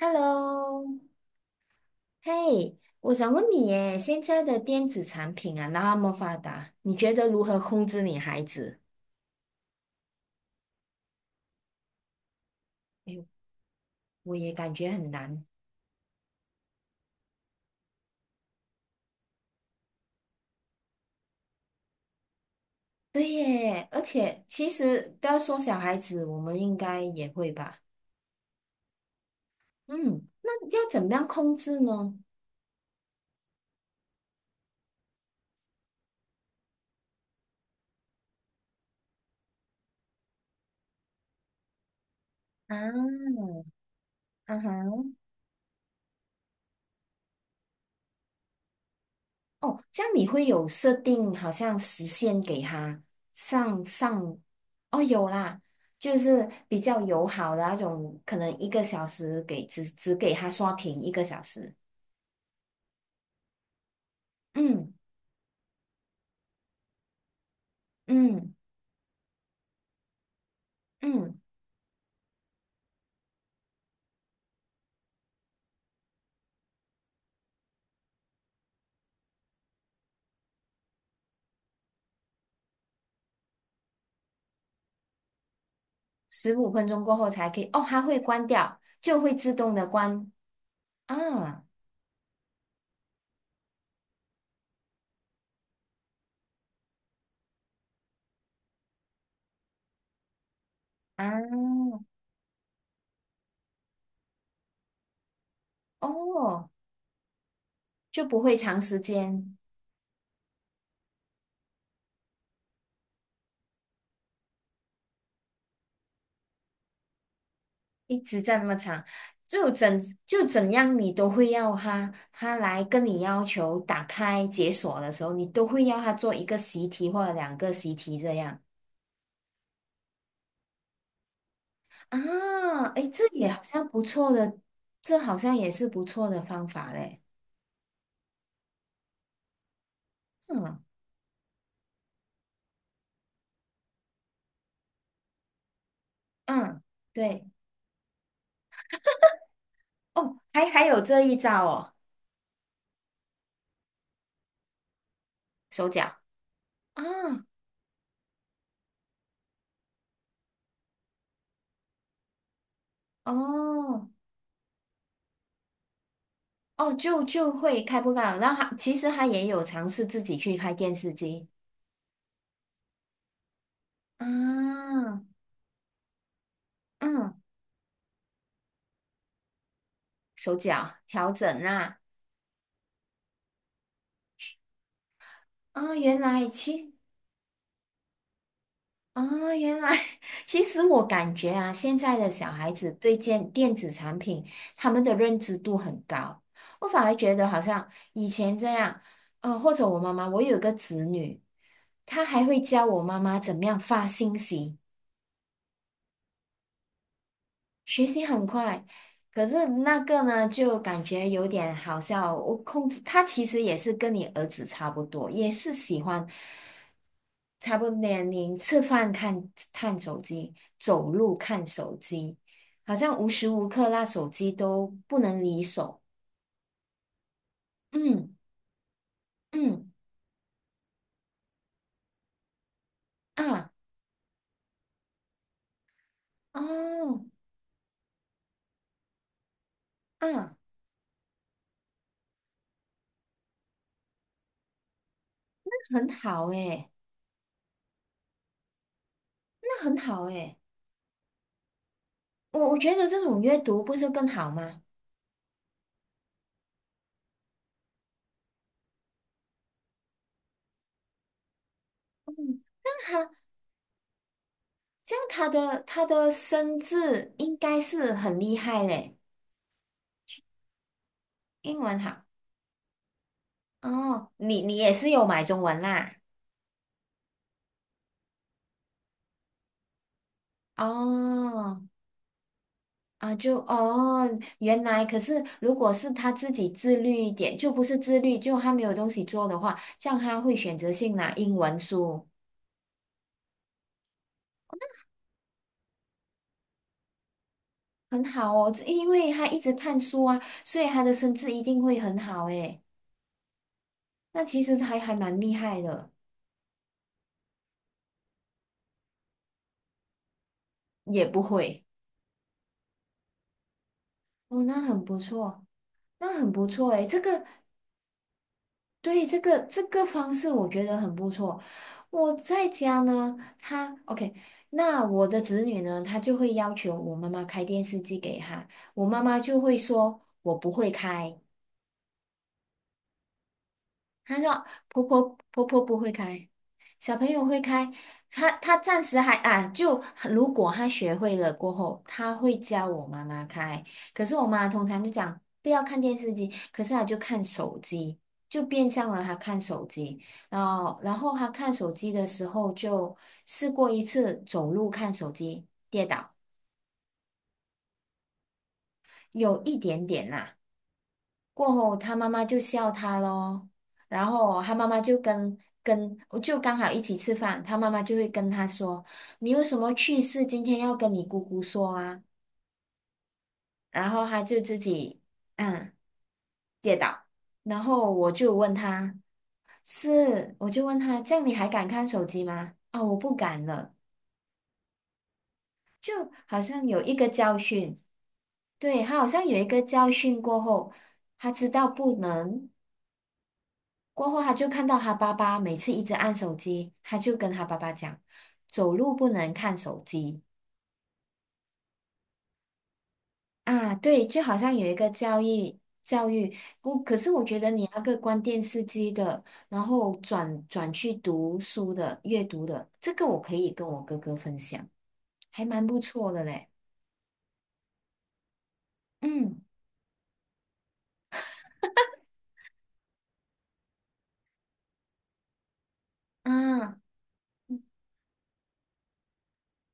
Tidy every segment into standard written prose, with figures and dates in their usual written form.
Hello，嘿，我想问你耶，现在的电子产品啊那么发达，你觉得如何控制你孩子？哎呦，我也感觉很难。对耶，而且其实不要说小孩子，我们应该也会吧。嗯，那要怎么样控制呢？啊，啊哈。哦，这样你会有设定，好像时限给他上，哦，有啦，就是比较友好的那种，可能一个小时给只给他刷屏一个小时，嗯嗯嗯，15分钟过后才可以，哦，它会关掉，就会自动的关啊啊哦，就不会长时间，一直在那么长，就怎就怎样你都会要他，他来跟你要求打开解锁的时候，你都会要他做一个习题或者两个习题这样啊，诶，这也好像不错的，这好像也是不错的方法嘞，嗯嗯，对，哦，还有这一招哦，手脚啊，哦哦，就会开不到，然后他其实也有尝试自己去开电视机。啊，嗯，手脚调整啊啊，原来其啊，原来 其实我感觉啊，现在的小孩子对电子产品他们的认知度很高，我反而觉得好像以前这样，或者我妈妈，我有个侄女，她还会教我妈妈怎么样发信息，学习很快。可是那个呢，就感觉有点好笑。我控制他其实也是跟你儿子差不多，也是喜欢。差不多年龄，吃饭看看手机，走路看手机，好像无时无刻那手机都不能离手。嗯嗯啊哦啊，那很好诶，那很好诶。我觉得这种阅读不是更好吗？那他这样他的生字应该是很厉害嘞，英文好哦。你也是有买中文啦？哦啊，就哦，原来可是，如果是他自己自律一点，就不是自律，就他没有东西做的话，像他会选择性拿英文书，很好哦，这因为他一直看书啊，所以他的生字一定会很好诶。那其实还蛮厉害的，也不会哦，那很不错，那很不错诶，这个对，这个方式我觉得很不错。我在家呢，他 OK，那我的子女呢，他就会要求我妈妈开电视机给他，我妈妈就会说我不会开，她说婆婆不会开，小朋友会开。她暂时还啊，就如果她学会了过后，她会教我妈妈开。可是我妈通常就讲不要看电视机，可是她就看手机，就变相了她看手机。然后她看手机的时候，就试过一次走路看手机跌倒，有一点点啦、过后，他妈妈就笑他咯，然后他妈妈就跟跟我就刚好一起吃饭，他妈妈就会跟他说：“你有什么趣事今天要跟你姑姑说啊？”然后他就自己嗯跌倒，然后我就问他：“是？”我就问他：“这样你还敢看手机吗？”哦，我不敢了，就好像有一个教训，对，他好像有一个教训过后，他知道不能。过后，他就看到他爸爸每次一直按手机，他就跟他爸爸讲，走路不能看手机啊。对，就好像有一个教育，不，可是我觉得你那个关电视机的，然后转去读书的、阅读的，这个我可以跟我哥哥分享，还蛮不错的嘞。嗯啊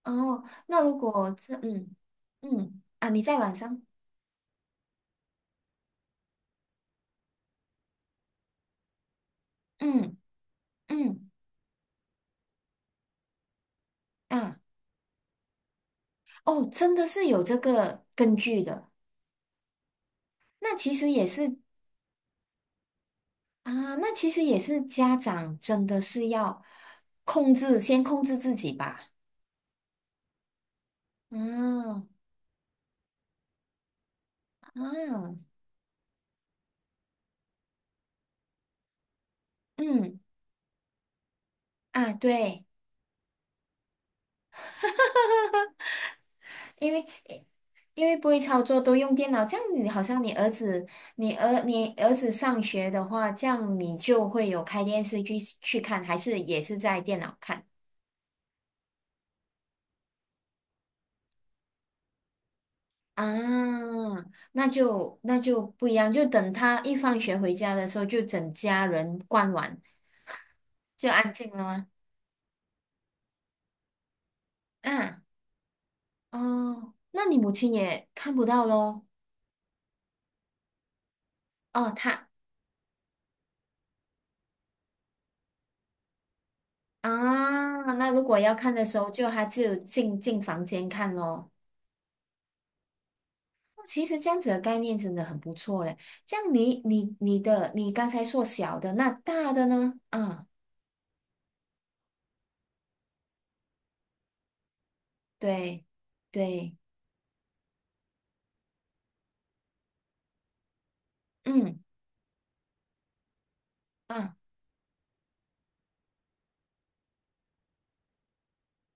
哦，那如果这嗯嗯啊，你在晚上嗯嗯啊哦，真的是有这个根据的。那其实也是啊，那其实也是家长真的是要控制，先控制自己吧。嗯啊，嗯啊，对，因为因为不会操作都用电脑，这样你好像你儿子，你儿子上学的话，这样你就会有开电视去看，还是也是在电脑看啊？那就不一样，就等他一放学回家的时候，就整家人关完，就安静了吗？嗯。哦，那你母亲也看不到咯。哦，她啊，那如果要看的时候，就她只有进房间看咯。哦其实这样子的概念真的很不错嘞。这样你刚才说小的，那大的呢？啊，对对，嗯啊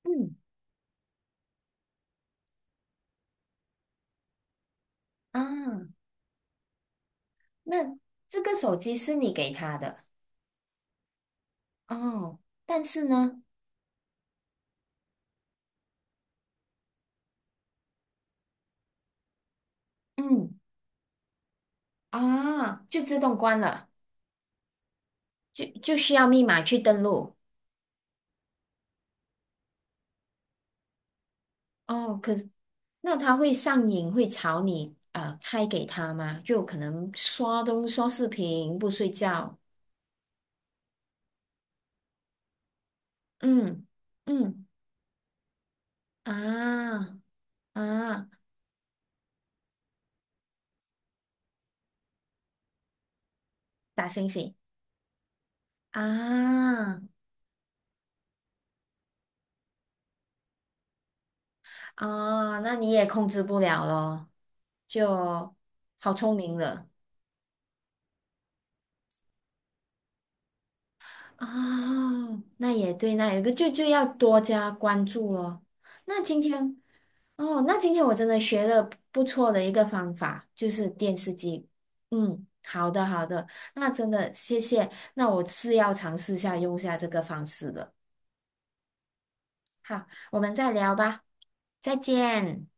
嗯啊，那这个手机是你给他的哦，但是呢，嗯啊，就自动关了，就需要密码去登录。哦，可是那他会上瘾，会吵你开给他吗？就可能刷东刷视频不睡觉，嗯嗯啊啊打星星啊啊，那你也控制不了咯，就好聪明了。哦，那也对，那也对，就要多加关注咯。那今天，哦，那今天我真的学了不错的一个方法，就是电视机。嗯，好的好的，那真的谢谢，那我是要尝试下用下这个方式的。好，我们再聊吧，再见。